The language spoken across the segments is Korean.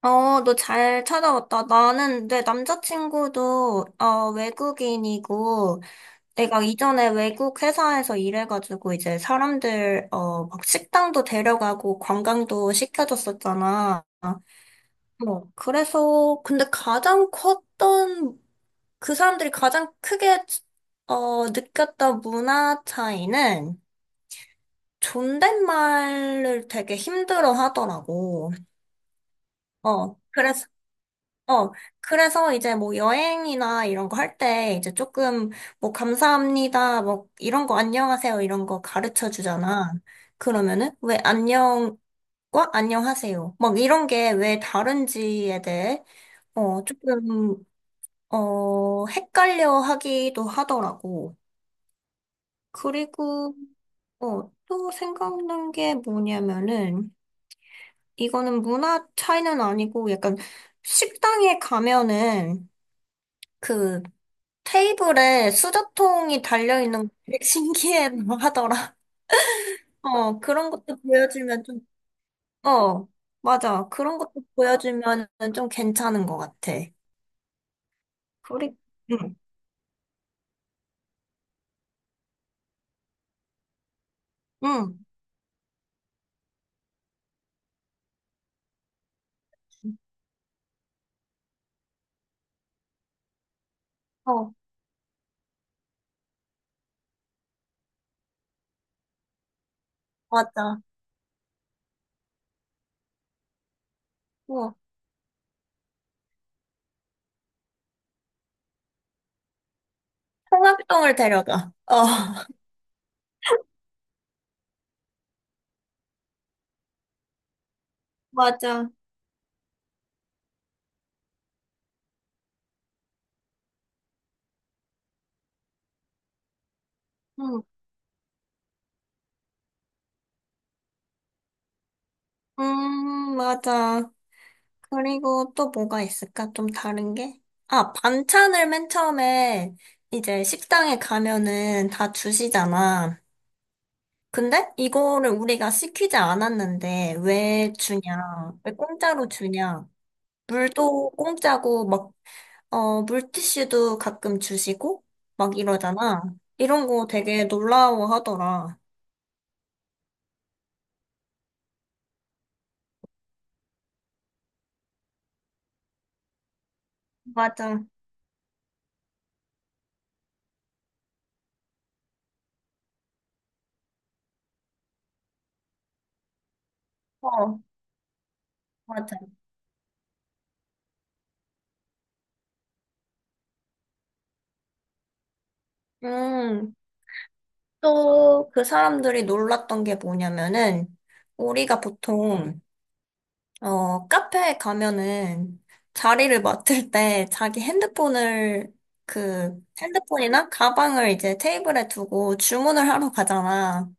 너 잘 찾아왔다. 나는 내 남자친구도 외국인이고, 내가 이전에 외국 회사에서 일해가지고 이제 사람들 막 식당도 데려가고 관광도 시켜줬었잖아. 그래서 근데 가장 컸던 그 사람들이 가장 크게 느꼈던 문화 차이는 존댓말을 되게 힘들어 하더라고. 어, 그래서 어, 그래서 이제 뭐 여행이나 이런 거 할 때 이제 조금 뭐 감사합니다, 뭐 이런 거 안녕하세요 이런 거 가르쳐 주잖아. 그러면은 왜 안녕과 안녕하세요 막 이런 게 왜 다른지에 대해 조금 헷갈려 하기도 하더라고. 그리고 또 생각난 게 뭐냐면은 이거는 문화 차이는 아니고 약간 식당에 가면은 그 테이블에 수저통이 달려있는 거 되게 신기해 하더라. 그런 것도 보여주면 좀. 어, 맞아. 그런 것도 보여주면 좀 괜찮은 것 같아. 그리, 응, 응, 어, 맞아. 어, 통합동을 데려가. 맞아. 응, 맞아. 그리고 또 뭐가 있을까? 좀 다른 게? 아, 반찬을 맨 처음에 이제 식당에 가면은 다 주시잖아. 근데 이거를 우리가 시키지 않았는데 왜 주냐? 왜 공짜로 주냐? 물도 공짜고 막, 물티슈도 가끔 주시고 막 이러잖아. 이런 거 되게 놀라워하더라. 맞아. 어, 맞아. 음, 또 그 사람들이 놀랐던 게 뭐냐면은 우리가 보통 카페에 가면은 자리를 맡을 때 자기 핸드폰을 그 핸드폰이나 가방을 이제 테이블에 두고 주문을 하러 가잖아.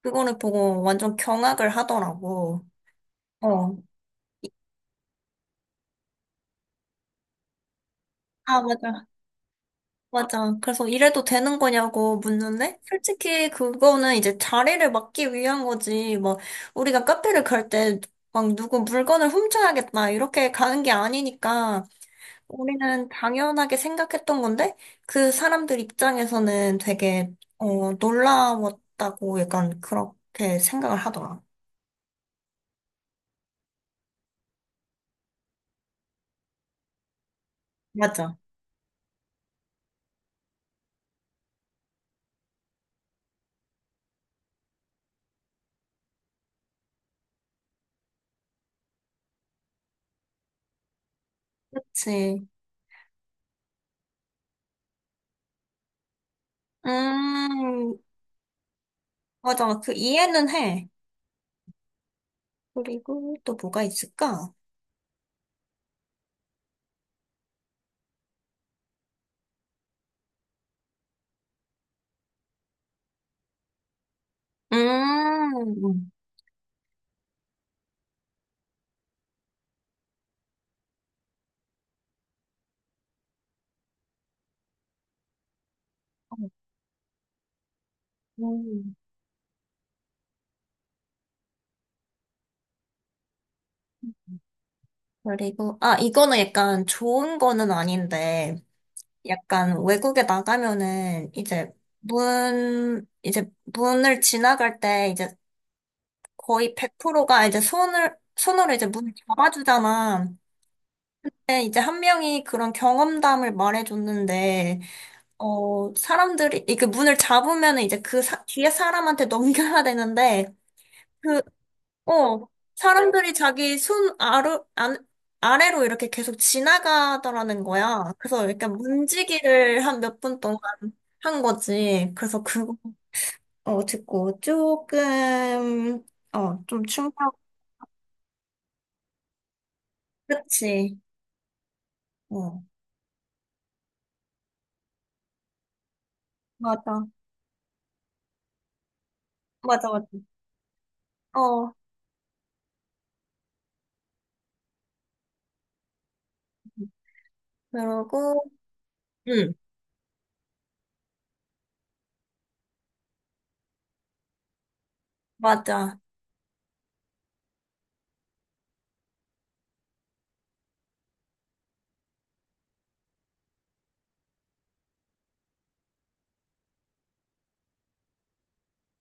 그거를 보고 완전 경악을 하더라고. 어. 아, 맞아. 맞아. 그래서 이래도 되는 거냐고 묻는데 솔직히 그거는 이제 자리를 맡기 위한 거지. 뭐 우리가 카페를 갈 때 막 누구 물건을 훔쳐야겠다 이렇게 가는 게 아니니까 우리는 당연하게 생각했던 건데, 그 사람들 입장에서는 되게, 놀라웠다고 약간 그렇게 생각을 하더라. 맞아. 그치. 음, 맞아. 그 이해는 해. 그리고 또 뭐가 있을까? 음, 음. 음. 그리고, 아, 이거는 약간 좋은 거는 아닌데, 약간 외국에 나가면은 이제 이제 문을 지나갈 때 이제 거의 100%가 이제 손으로 이제 문을 잡아주잖아. 근데 이제 한 명이 그런 경험담을 말해줬는데, 사람들이, 이렇게 문을 잡으면 이제 뒤에 사람한테 넘겨야 되는데, 그, 어, 사람들이 자기 손 아래, 안, 아래로 이렇게 계속 지나가더라는 거야. 그래서 약간 문지기를 한 몇 분 동안 한 거지. 그래서 그거, 듣고 조금, 좀 충격. 그치. 어. 맞아. 맞아, 맞아. 어, 그러고, 응, 맞아.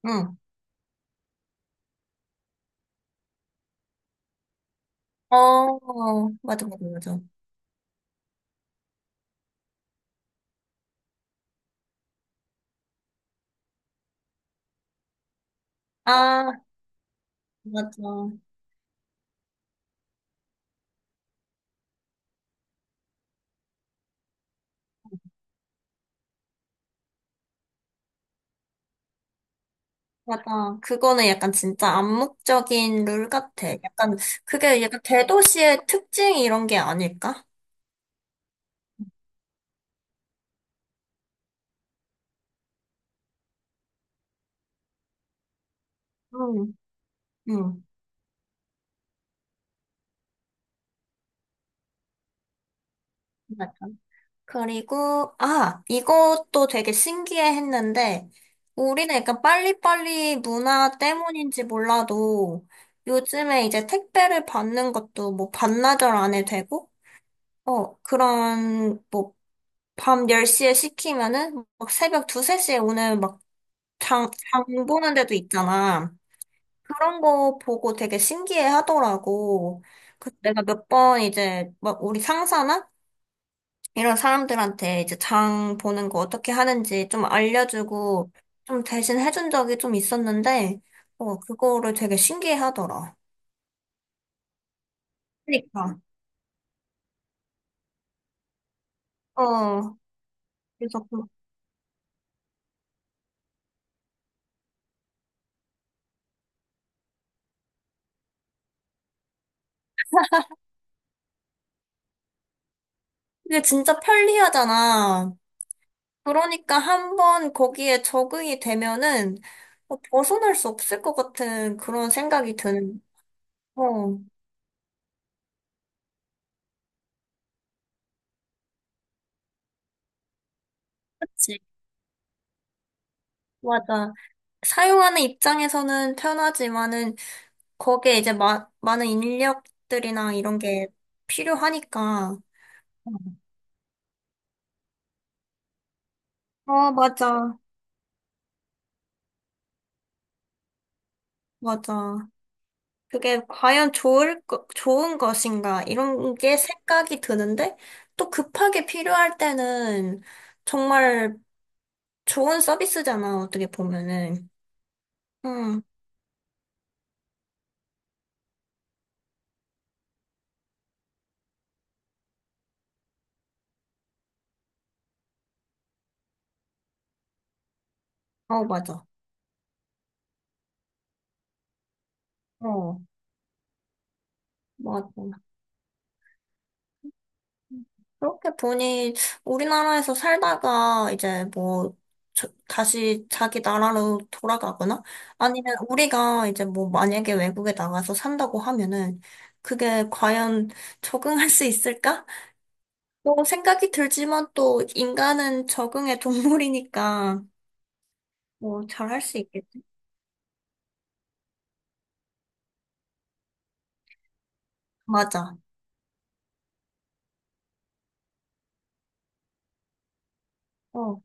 응. 맞아, 맞아, 맞아. 아, 맞아. 맞아. 그거는 약간 진짜 암묵적인 룰 같아. 약간, 그게 약간 대도시의 특징 이런 게 아닐까? 응, 응. 그리고, 아, 이것도 되게 신기해 했는데, 우리는 약간 빨리빨리 문화 때문인지 몰라도, 요즘에 이제 택배를 받는 것도 뭐 반나절 안에 되고, 뭐, 밤 10시에 시키면은, 막 새벽 2, 3시에 오는 막 장 보는 데도 있잖아. 그런 거 보고 되게 신기해 하더라고. 그래서 내가 몇 번 이제, 막 우리 상사나 이런 사람들한테 이제 장 보는 거 어떻게 하는지 좀 알려주고 좀 대신 해준 적이 좀 있었는데, 그거를 되게 신기해 하더라. 그러니까. 어, 그래서 그- 그게 진짜 편리하잖아. 그러니까 한 번 거기에 적응이 되면은 벗어날 수 없을 것 같은 그런 생각이 드는, 어, 그치? 맞아. 사용하는 입장에서는 편하지만은 거기에 이제 많은 인력들이나 이런 게 필요하니까. 맞아. 맞아. 그게 과연 좋은 것인가, 이런 게 생각이 드는데, 또 급하게 필요할 때는 정말 좋은 서비스잖아, 어떻게 보면은. 응, 맞아. 어, 맞아. 그렇게 보니 우리나라에서 살다가 이제 뭐 다시 자기 나라로 돌아가거나 아니면 우리가 이제 뭐 만약에 외국에 나가서 산다고 하면은 그게 과연 적응할 수 있을까? 뭐 생각이 들지만 또 인간은 적응의 동물이니까 뭐 잘할 수 있겠지. 맞아. 어.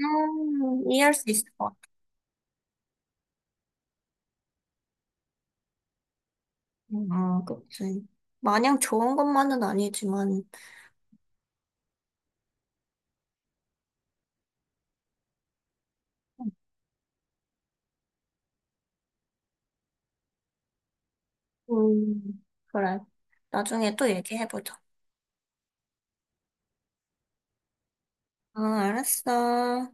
이해할 수 있을 것 같아. 아, 그치. 마냥 좋은 것만은 아니지만 그래. 나중에 또 얘기해보자. 아, 알았어.